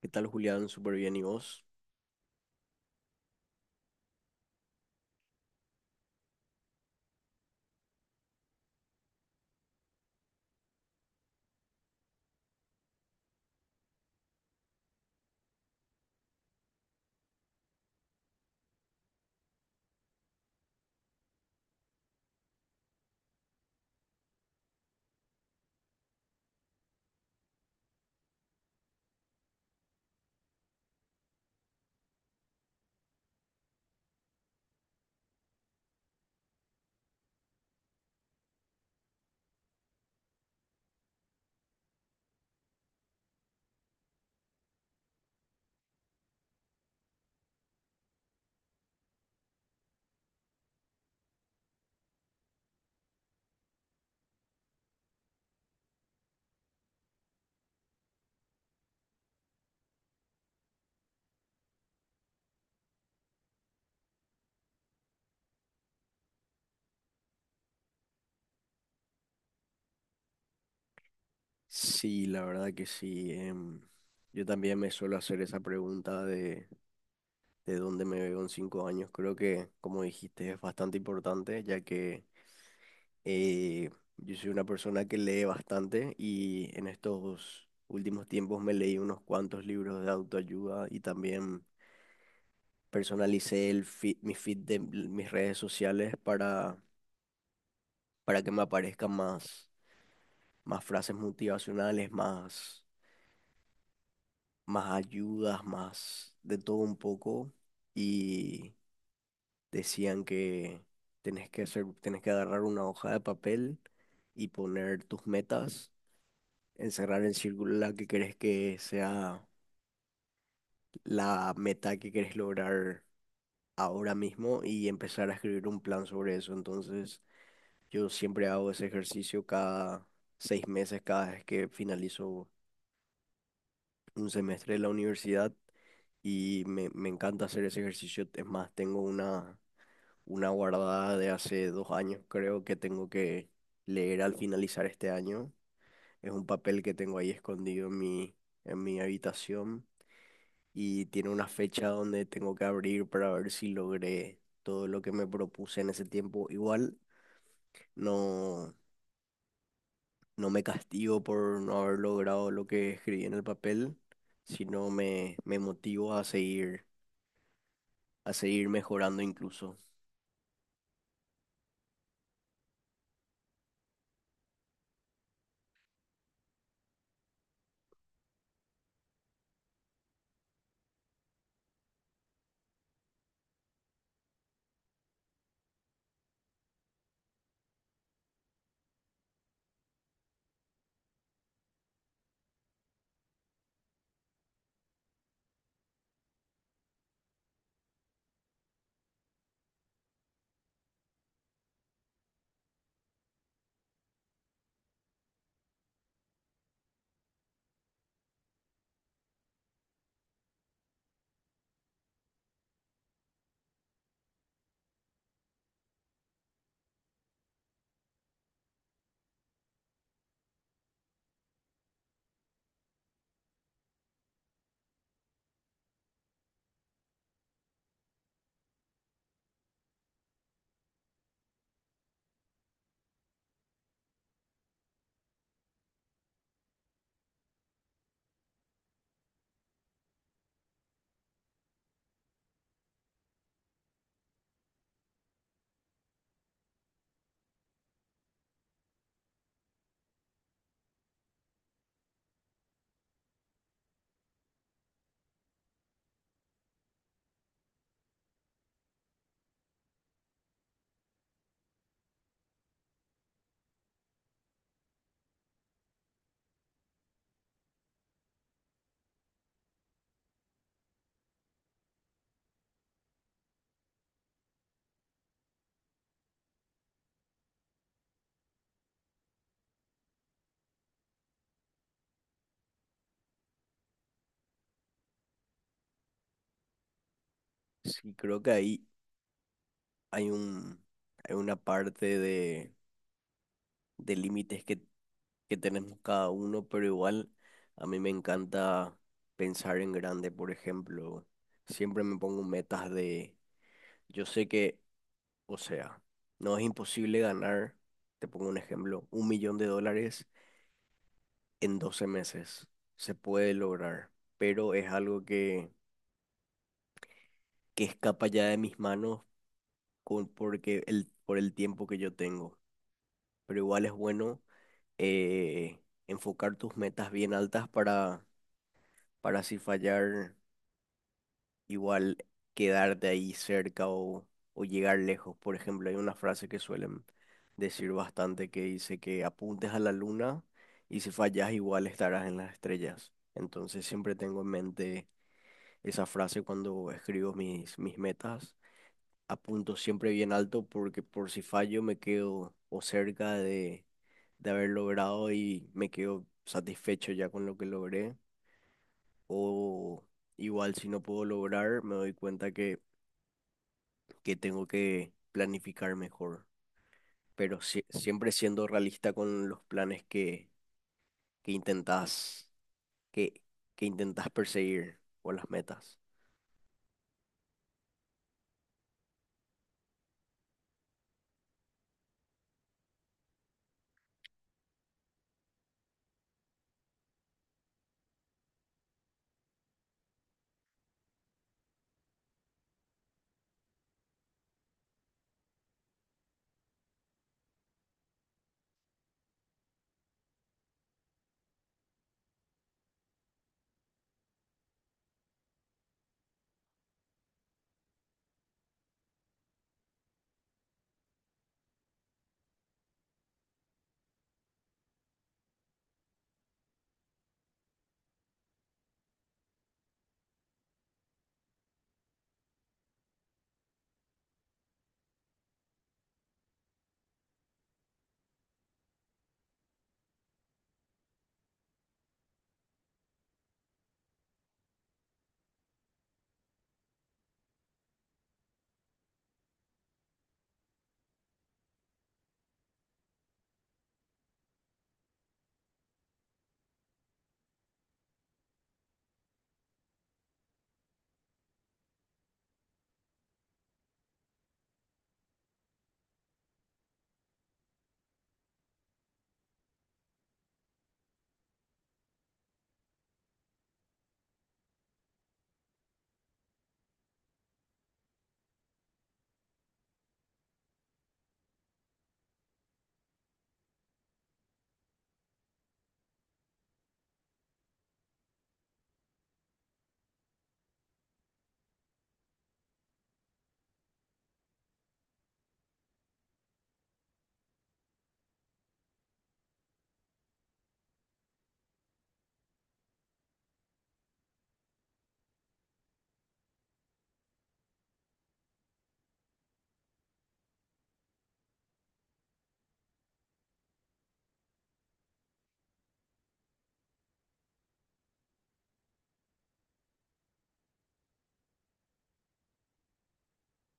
¿Qué tal, Julián? Súper bien, ¿y vos? Sí, la verdad que sí. Yo también me suelo hacer esa pregunta de dónde me veo en 5 años. Creo que, como dijiste, es bastante importante, ya que eh, yo soy una persona que lee bastante y en estos últimos tiempos me leí unos cuantos libros de autoayuda y también personalicé el feed- mi feed de l- mis redes sociales para que me aparezcan más frases motivacionales, más ayudas, más de todo un poco, y decían que tenés que agarrar una hoja de papel y poner tus metas, encerrar en círculo la que querés que sea la meta que querés lograr ahora mismo y empezar a escribir un plan sobre eso. Entonces, yo siempre hago ese ejercicio cada 6 meses, cada vez que finalizo un semestre de la universidad y me encanta hacer ese ejercicio. Es más, tengo una guardada de hace 2 años, creo que tengo que leer al finalizar este año. Es un papel que tengo ahí escondido en en mi habitación y tiene una fecha donde tengo que abrir para ver si logré todo lo que me propuse en ese tiempo. Igual no, no me castigo por no haber logrado lo que escribí en el papel, sino me motivo a seguir mejorando incluso. Sí, creo que ahí hay un, hay una parte de límites que tenemos cada uno, pero igual a mí me encanta pensar en grande, por ejemplo. Siempre me pongo metas yo sé que, o sea, no es imposible ganar, te pongo un ejemplo, 1 millón de dólares en 12 meses. Se puede lograr, pero es algo que escapa ya de mis manos porque por el tiempo que yo tengo. Pero igual es bueno eh, enfocar tus metas bien altas para si fallar, igual quedarte ahí cerca o llegar lejos. Por ejemplo, hay una frase que suelen decir bastante que dice que apuntes a la luna y si fallas igual estarás en las estrellas. Entonces siempre tengo en mente esa frase cuando escribo mis metas apunto siempre bien alto porque por si fallo me quedo o cerca de haber logrado y me quedo satisfecho ya con lo que logré. O igual si no puedo lograr, me doy cuenta que tengo que planificar mejor. Pero siempre siendo realista con los planes que intentas, que, que intentas perseguir o las metas.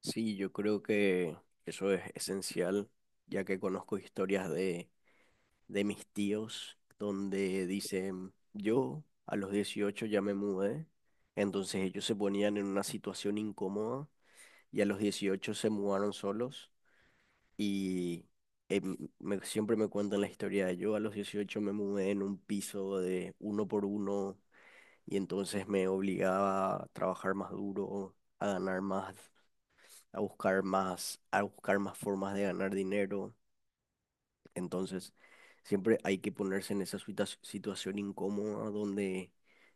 Sí, yo creo que eso es esencial, ya que conozco historias de mis tíos donde dicen, yo a los 18 ya me mudé, entonces ellos se ponían en una situación incómoda y a los 18 se mudaron solos y siempre me cuentan la historia de yo a los 18 me mudé en un piso de 1 por 1 y entonces me obligaba a trabajar más duro, a ganar más, a buscar más, a buscar más formas de ganar dinero. Entonces, siempre hay que ponerse en esa situación incómoda donde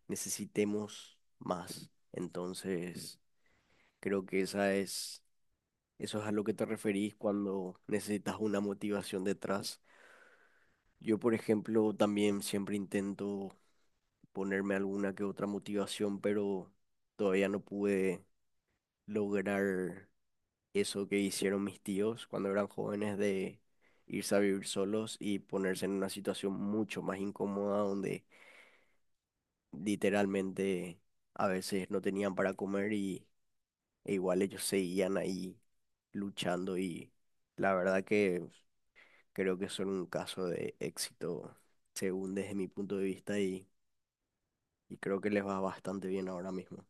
necesitemos más. Entonces, creo que eso es a lo que te referís cuando necesitas una motivación detrás. Yo, por ejemplo, también siempre intento ponerme alguna que otra motivación, pero todavía no pude lograr eso que hicieron mis tíos cuando eran jóvenes de irse a vivir solos y ponerse en una situación mucho más incómoda donde literalmente a veces no tenían para comer y e igual ellos seguían ahí luchando y la verdad que creo que son un caso de éxito según desde mi punto de vista y creo que les va bastante bien ahora mismo.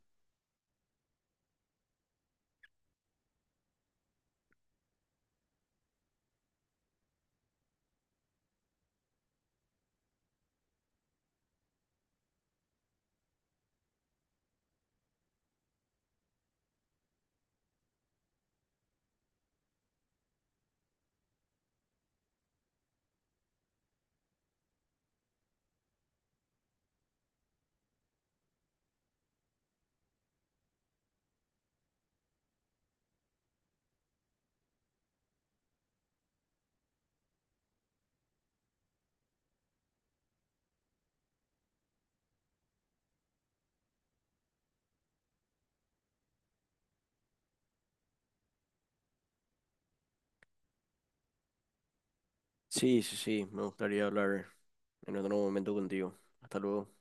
Sí, sí, sí, me gustaría hablar en otro momento contigo. Hasta luego.